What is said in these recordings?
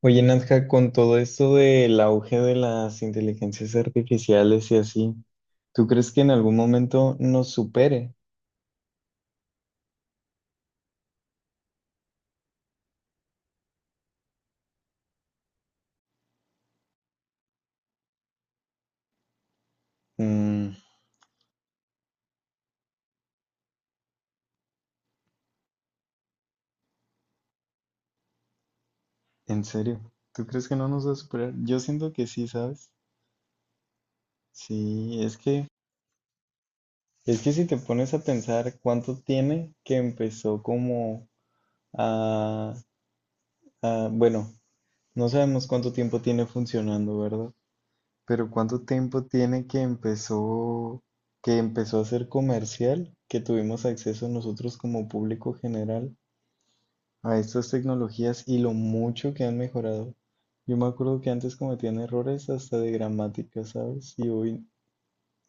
Oye, Nadja, con todo esto del auge de las inteligencias artificiales y así, ¿tú crees que en algún momento nos supere? Mm, en serio, ¿tú crees que no nos va a superar? Yo siento que sí, ¿sabes? Sí, es que si te pones a pensar cuánto tiene que empezó como a, bueno, no sabemos cuánto tiempo tiene funcionando, ¿verdad? Pero ¿cuánto tiempo tiene que empezó a ser comercial, que tuvimos acceso nosotros como público general a estas tecnologías y lo mucho que han mejorado? Yo me acuerdo que antes cometían errores hasta de gramática, ¿sabes? Y hoy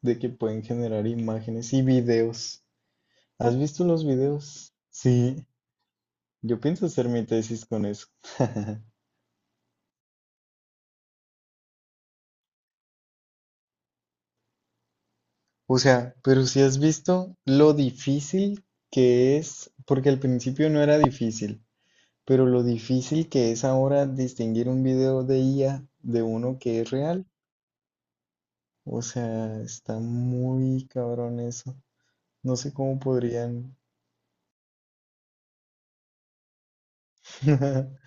de que pueden generar imágenes y videos. ¿Has visto los videos? Sí, yo pienso hacer mi tesis con eso. O sea, pero si has visto lo difícil que es, porque al principio no era difícil. Pero lo difícil que es ahora distinguir un video de IA de uno que es real, o sea, está muy cabrón eso. No sé cómo podrían.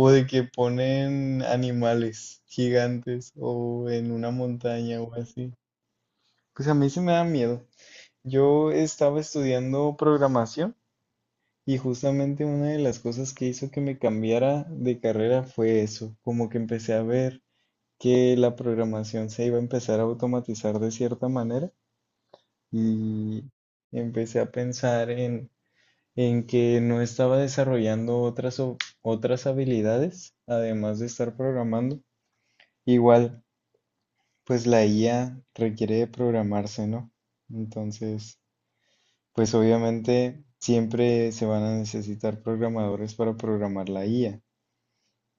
O de que ponen animales gigantes o en una montaña o así. Pues a mí se me da miedo. Yo estaba estudiando programación y justamente una de las cosas que hizo que me cambiara de carrera fue eso, como que empecé a ver que la programación se iba a empezar a automatizar de cierta manera y empecé a pensar en que no estaba desarrollando otras habilidades, además de estar programando. Igual, pues la IA requiere de programarse, ¿no? Entonces, pues obviamente siempre se van a necesitar programadores para programar la IA,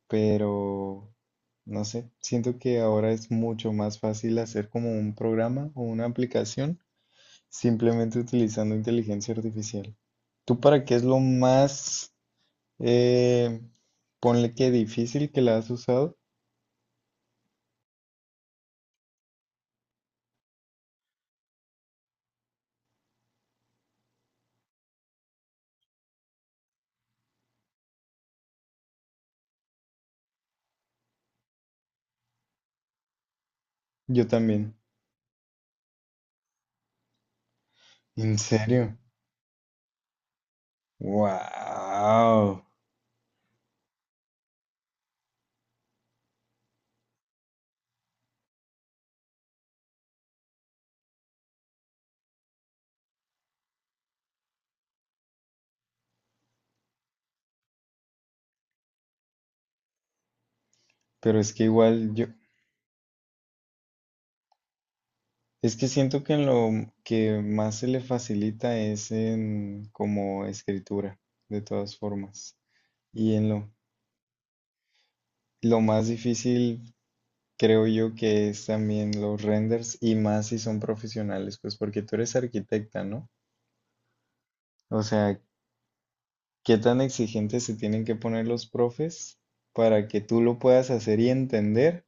pero no sé, siento que ahora es mucho más fácil hacer como un programa o una aplicación simplemente utilizando inteligencia artificial. ¿Tú para qué es lo más, eh, ponle que difícil que la has usado? Yo también. ¿En serio? ¡Wow! Pero es que igual yo, es que siento que en lo que más se le facilita es en como escritura, de todas formas. Y en lo más difícil creo yo que es también los renders y más si son profesionales, pues porque tú eres arquitecta, ¿no? O sea, ¿qué tan exigentes se tienen que poner los profes para que tú lo puedas hacer y entender?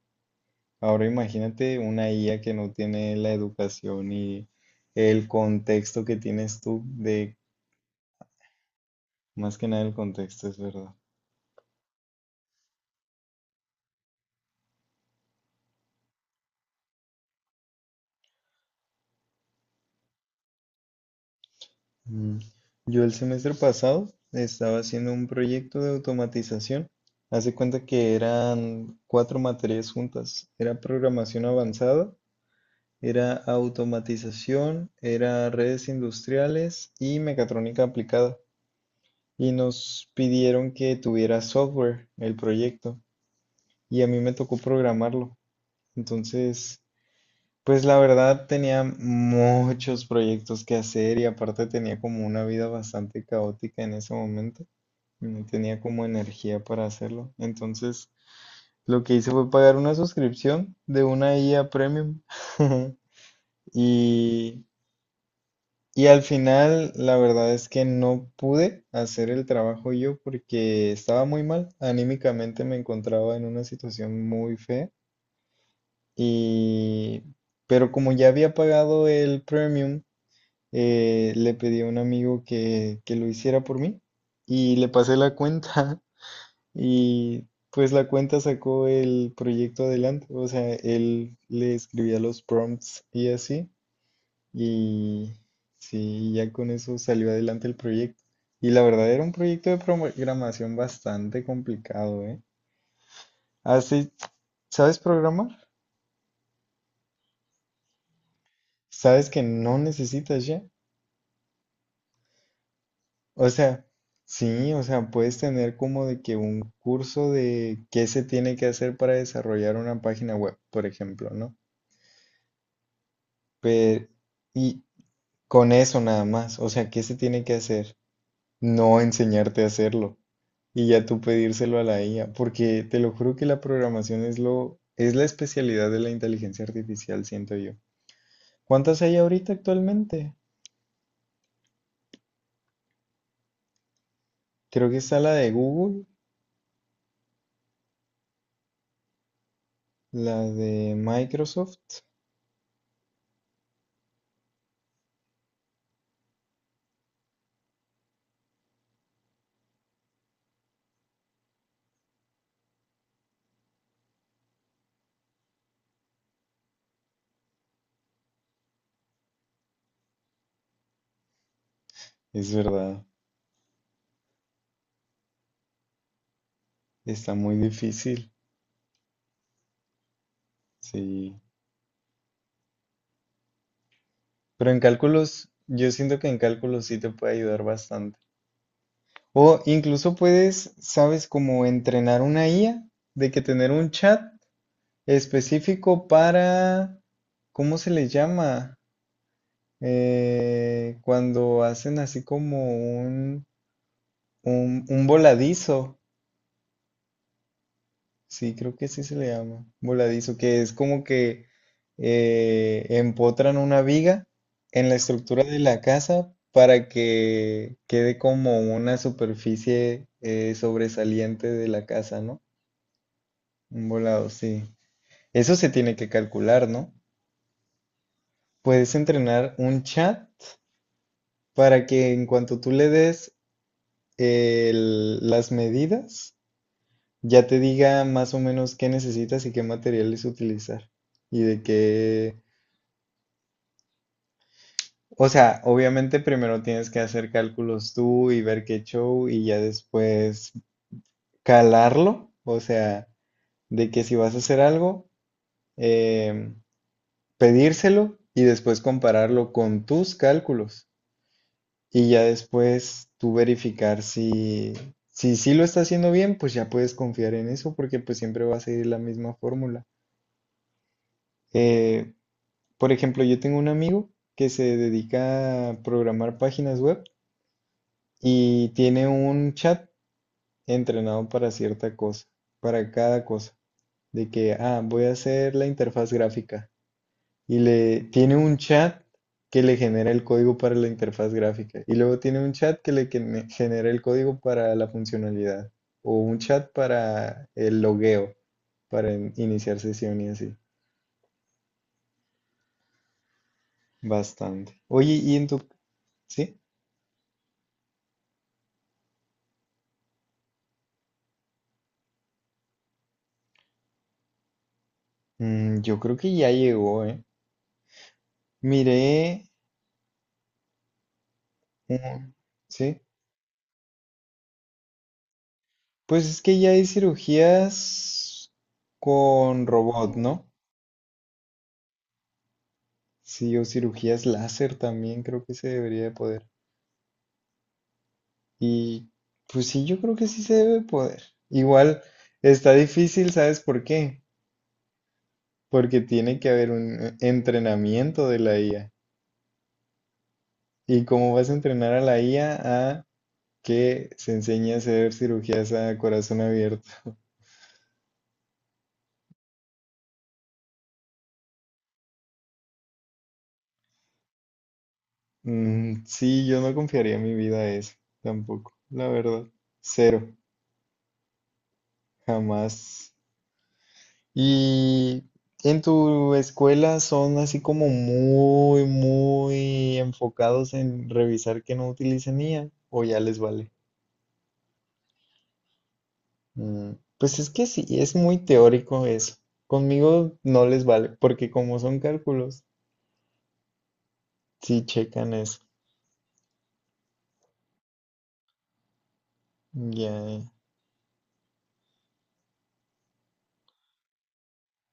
Ahora imagínate una IA que no tiene la educación y el contexto que tienes tú de, más que nada el contexto, es verdad. Mm. Yo el semestre pasado estaba haciendo un proyecto de automatización. Hace cuenta que eran cuatro materias juntas. Era programación avanzada, era automatización, era redes industriales y mecatrónica aplicada. Y nos pidieron que tuviera software el proyecto. Y a mí me tocó programarlo. Entonces, pues la verdad tenía muchos proyectos que hacer y aparte tenía como una vida bastante caótica en ese momento. No tenía como energía para hacerlo. Entonces lo que hice fue pagar una suscripción de una IA Premium. Y, y al final la verdad es que no pude hacer el trabajo yo porque estaba muy mal. Anímicamente me encontraba en una situación muy fea. Y pero como ya había pagado el premium, le pedí a un amigo que lo hiciera por mí y le pasé la cuenta y pues la cuenta sacó el proyecto adelante, o sea, él le escribía los prompts y así y sí, ya con eso salió adelante el proyecto. Y la verdad era un proyecto de programación bastante complicado, ¿eh? Así, ¿sabes programar? ¿Sabes que no necesitas ya? O sea, sí, o sea, puedes tener como de que un curso de qué se tiene que hacer para desarrollar una página web, por ejemplo, ¿no? Pero, y con eso nada más, o sea, ¿qué se tiene que hacer? No enseñarte a hacerlo y ya tú pedírselo a la IA, porque te lo juro que la programación es lo, es la especialidad de la inteligencia artificial, siento yo. ¿Cuántas hay ahorita actualmente? Creo que está la de Google, la de Microsoft, es verdad. Está muy difícil, sí. Pero en cálculos, yo siento que en cálculos sí te puede ayudar bastante. O incluso puedes, sabes, como entrenar una IA, de que tener un chat específico para, ¿cómo se le llama? Cuando hacen así como un, un voladizo. Sí, creo que sí se le llama voladizo, que es como que empotran una viga en la estructura de la casa para que quede como una superficie sobresaliente de la casa, ¿no? Un volado, sí. Eso se tiene que calcular, ¿no? Puedes entrenar un chat para que en cuanto tú le des las medidas, ya te diga más o menos qué necesitas y qué materiales utilizar y de qué. O sea, obviamente primero tienes que hacer cálculos tú y ver qué show y ya después calarlo, o sea, de que si vas a hacer algo, em, pedírselo y después compararlo con tus cálculos y ya después tú verificar si si sí lo está haciendo bien, pues ya puedes confiar en eso porque pues siempre va a seguir la misma fórmula. Eh, por ejemplo, yo tengo un amigo que se dedica a programar páginas web y tiene un chat entrenado para cierta cosa, para cada cosa, de que, ah, voy a hacer la interfaz gráfica y le tiene un chat que le genera el código para la interfaz gráfica y luego tiene un chat que le genera el código para la funcionalidad o un chat para el logueo, para iniciar sesión y así. Bastante. Oye, ¿y en tu... ¿Sí? yo creo que ya llegó, ¿eh? Miré... un- ¿Sí? Pues es que ya hay cirugías con robot, ¿no? Sí, o cirugías láser también creo que se debería de poder. Y pues sí, yo creo que sí se debe poder. Igual está difícil, ¿sabes por qué? Porque tiene que haber un entrenamiento de la IA. ¿Y cómo vas a entrenar a la IA a que se enseñe a hacer cirugías a corazón abierto? Sí, yo no confiaría mi vida a eso, tampoco, la verdad. Cero, jamás. Y en tu escuela son así como muy, muy enfocados en revisar que no utilicen IA o ya les vale. Mm, Pues es que sí, es muy teórico eso. Conmigo no les vale, porque como son cálculos, sí checan eso. Ya,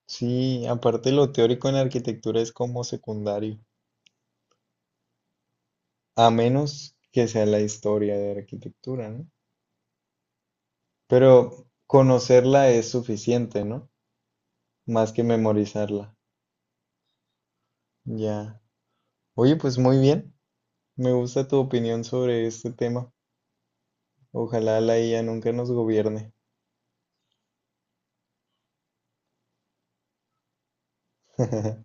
sí, aparte lo teórico en arquitectura es como secundario, a menos que sea la historia de arquitectura, ¿no? Pero conocerla es suficiente, ¿no? Más que memorizarla. Ya. Oye, pues muy bien. Me gusta tu opinión sobre este tema. Ojalá la IA nunca nos gobierne.